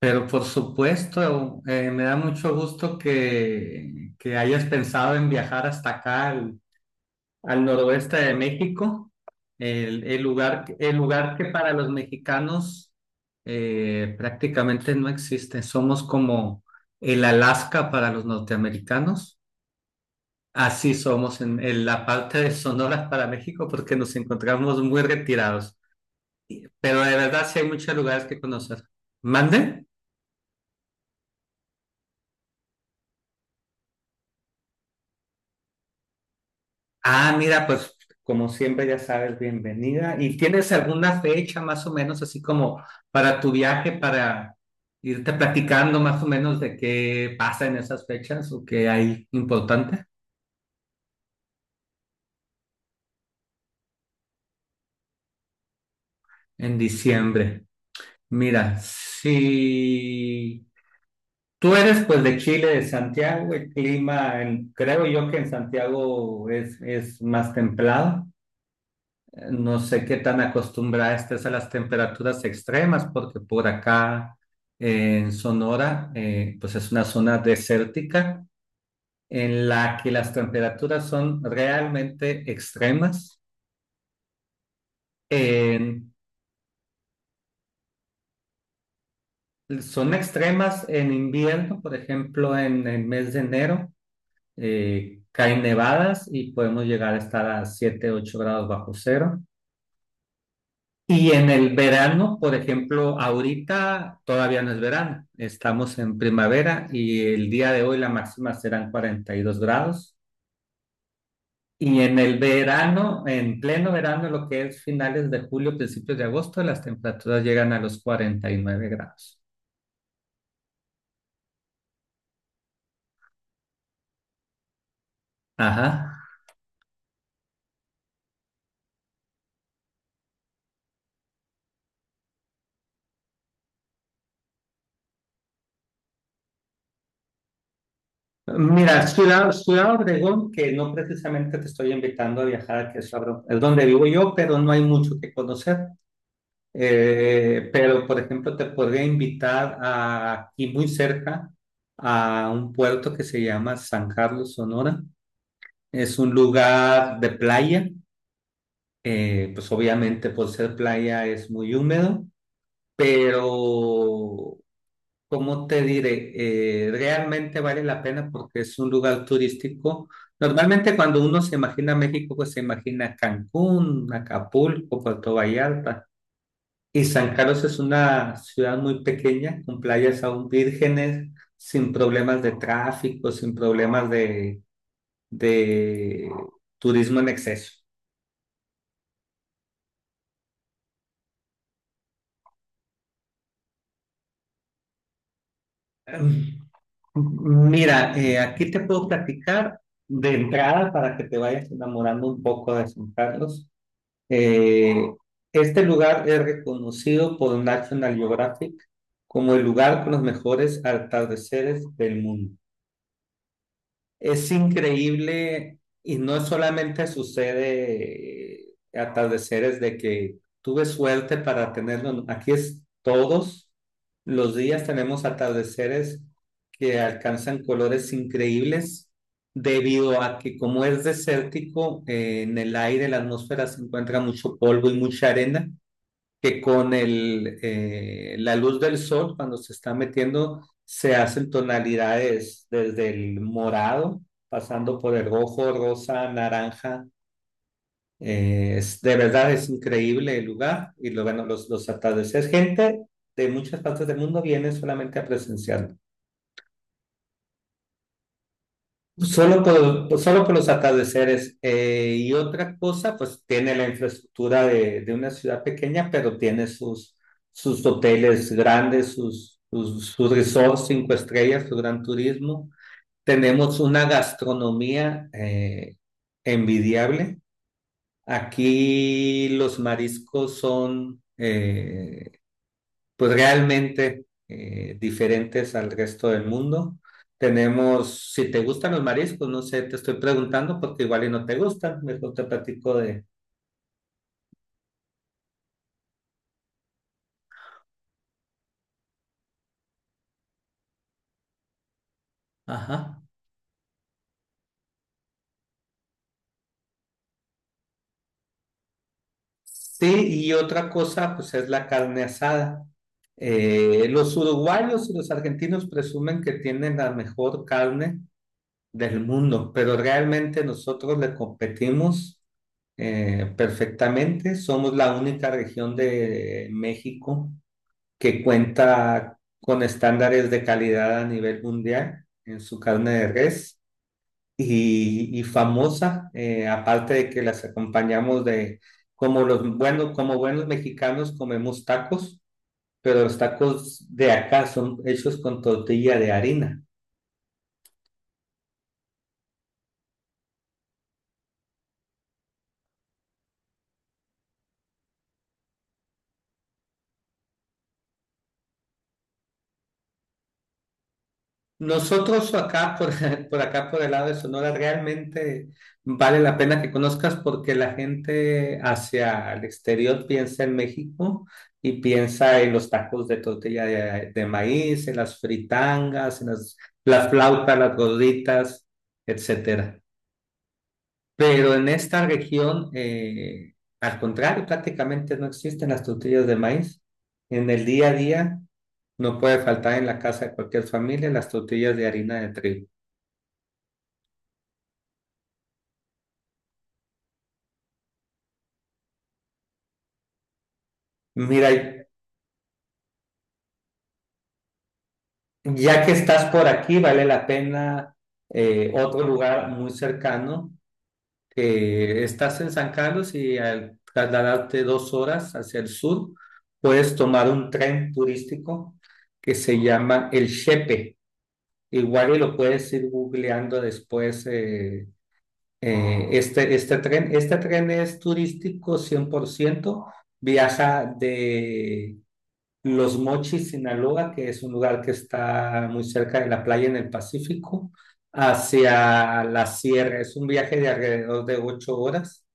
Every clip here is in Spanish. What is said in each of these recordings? Pero por supuesto, me da mucho gusto que hayas pensado en viajar hasta acá, al noroeste de México, el lugar que para los mexicanos prácticamente no existe. Somos como el Alaska para los norteamericanos. Así somos en la parte de Sonora para México porque nos encontramos muy retirados. Pero de verdad sí hay muchos lugares que conocer. ¿Mande? Ah, mira, pues como siempre ya sabes, bienvenida. ¿Y tienes alguna fecha más o menos así como para tu viaje, para irte platicando más o menos de qué pasa en esas fechas o qué hay importante en diciembre? Mira, si tú eres pues de Chile, de Santiago, el clima, creo yo que en Santiago es más templado. No sé qué tan acostumbrada estés a las temperaturas extremas, porque por acá en Sonora, pues es una zona desértica en la que las temperaturas son realmente extremas. En- son extremas en invierno, por ejemplo, en el mes de enero. Caen nevadas y podemos llegar a estar a 7, 8 grados bajo cero. Y en el verano, por ejemplo, ahorita todavía no es verano, estamos en primavera y el día de hoy la máxima serán 42 grados. Y en el verano, en pleno verano, lo que es finales de julio, principios de agosto, las temperaturas llegan a los 49 grados. Ajá. Mira, Ciudad Obregón, que no precisamente te estoy invitando a viajar, que es donde vivo yo, pero no hay mucho que conocer. Pero, por ejemplo, te podría invitar a, aquí muy cerca, a un puerto que se llama San Carlos, Sonora. Es un lugar de playa. Pues obviamente por ser playa es muy húmedo, pero, ¿cómo te diré? Realmente vale la pena porque es un lugar turístico. Normalmente cuando uno se imagina México, pues se imagina Cancún, Acapulco, Puerto Vallarta. Y San Carlos es una ciudad muy pequeña, con playas aún vírgenes, sin problemas de tráfico, sin problemas de turismo en exceso. Em, Mira, aquí te puedo platicar de entrada para que te vayas enamorando un poco de San Carlos. Eh, este lugar es reconocido por National Geographic como el lugar con los mejores atardeceres del mundo. Es increíble, y no solamente sucede, atardeceres de que tuve suerte para tenerlo. No, aquí es todos los días tenemos atardeceres que alcanzan colores increíbles, debido a que, como es desértico, en el aire, la atmósfera, se encuentra mucho polvo y mucha arena que con la luz del sol, cuando se está metiendo, se hacen tonalidades desde el morado, pasando por el rojo, rosa, naranja. De verdad es increíble el lugar y bueno, los atardeceres. Gente de muchas partes del mundo viene solamente a presenciarlo. Pues solo por los atardeceres. Y otra cosa, pues tiene la infraestructura de una ciudad pequeña, pero tiene sus hoteles grandes, sus resorts cinco estrellas, su gran turismo. Tenemos una gastronomía envidiable. Aquí los mariscos son, pues realmente, diferentes al resto del mundo. Tenemos, si te gustan los mariscos, no sé, te estoy preguntando porque igual y no te gustan, mejor te platico de... Ajá. Sí, y otra cosa, pues es la carne asada. Los uruguayos y los argentinos presumen que tienen la mejor carne del mundo, pero realmente nosotros le competimos, perfectamente. Somos la única región de México que cuenta con estándares de calidad a nivel mundial en su carne de res, y famosa, aparte de que las acompañamos de, como los bueno como buenos mexicanos comemos tacos, pero los tacos de acá son hechos con tortilla de harina. Nosotros acá, por acá, por el lado de Sonora, realmente vale la pena que conozcas, porque la gente hacia el exterior piensa en México y piensa en los tacos de tortilla de maíz, en las fritangas, en las flautas, las gorditas, etcétera. Pero en esta región, al contrario, prácticamente no existen las tortillas de maíz. En el día a día no puede faltar en la casa de cualquier familia las tortillas de harina de trigo. Mira, ya que estás por aquí, vale la pena, otro lugar muy cercano, que estás en San Carlos y al trasladarte 2 horas hacia el sur, puedes tomar un tren turístico que se llama el Chepe. Igual y lo puedes ir googleando después. Este tren, este tren, es turístico 100%. Viaja de Los Mochis, Sinaloa, que es un lugar que está muy cerca de la playa en el Pacífico, hacia la sierra. Es un viaje de alrededor de 8 horas,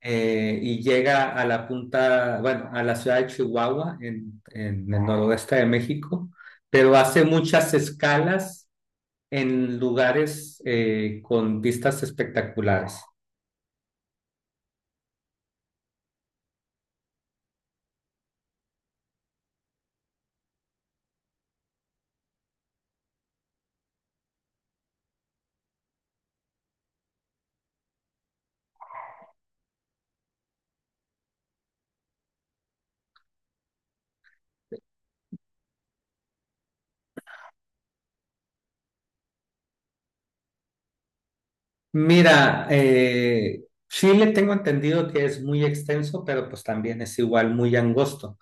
y llega a la punta, bueno, a la ciudad de Chihuahua, en el noroeste de México, pero hace muchas escalas en lugares, con vistas espectaculares. Mira, Chile tengo entendido que es muy extenso, pero pues también es igual muy angosto.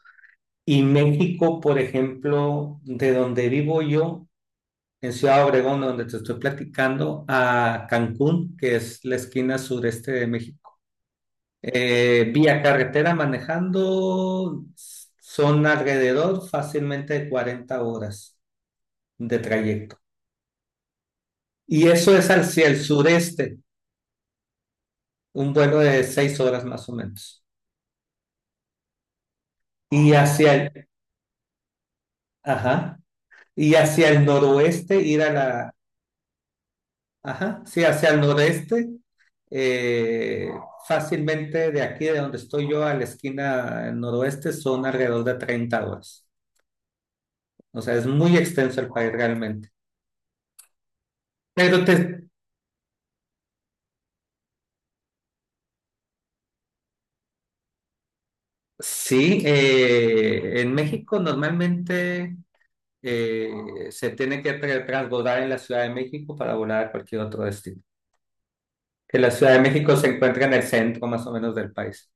Y México, por ejemplo, de donde vivo yo, en Ciudad Obregón, donde te estoy platicando, a Cancún, que es la esquina sureste de México. Vía carretera manejando son alrededor fácilmente de 40 horas de trayecto. Y eso es hacia el sureste, un vuelo de 6 horas más o menos. Y ah, hacia el, ajá, y hacia el noroeste ir a la, ajá, sí, hacia el noreste, eh, fácilmente de aquí de donde estoy yo a la esquina noroeste son alrededor de 30 horas. O sea, es muy extenso el país realmente. Pero te, sí, en México normalmente, eh, se tiene que transbordar en la Ciudad de México para volar a cualquier otro destino. Que la Ciudad de México se encuentra en el centro más o menos del país.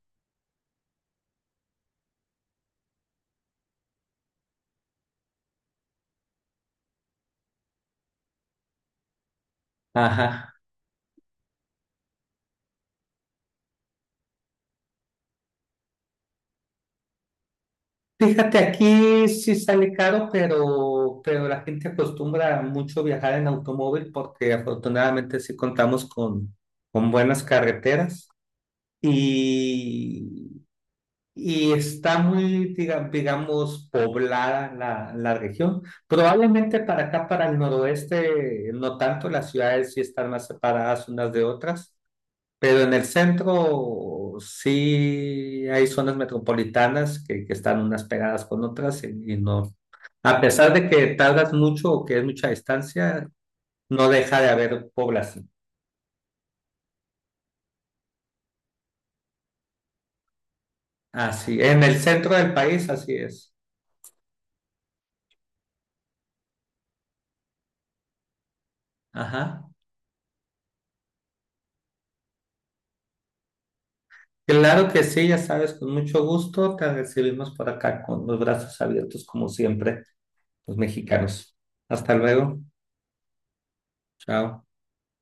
Ajá. Fíjate, aquí sí sale caro, pero, la gente acostumbra mucho viajar en automóvil porque afortunadamente sí contamos con buenas carreteras y, y está muy, digamos poblada la región. Probablemente para acá, para el noroeste, no tanto, las ciudades sí están más separadas unas de otras. Pero en el centro sí hay zonas metropolitanas que están unas pegadas con otras, y no. A pesar de que tardas mucho o que es mucha distancia, no deja de haber población. Así, en el centro del país, así es. Ajá. Claro que sí, ya sabes, con mucho gusto te recibimos por acá con los brazos abiertos, como siempre, los mexicanos. Hasta luego. Chao.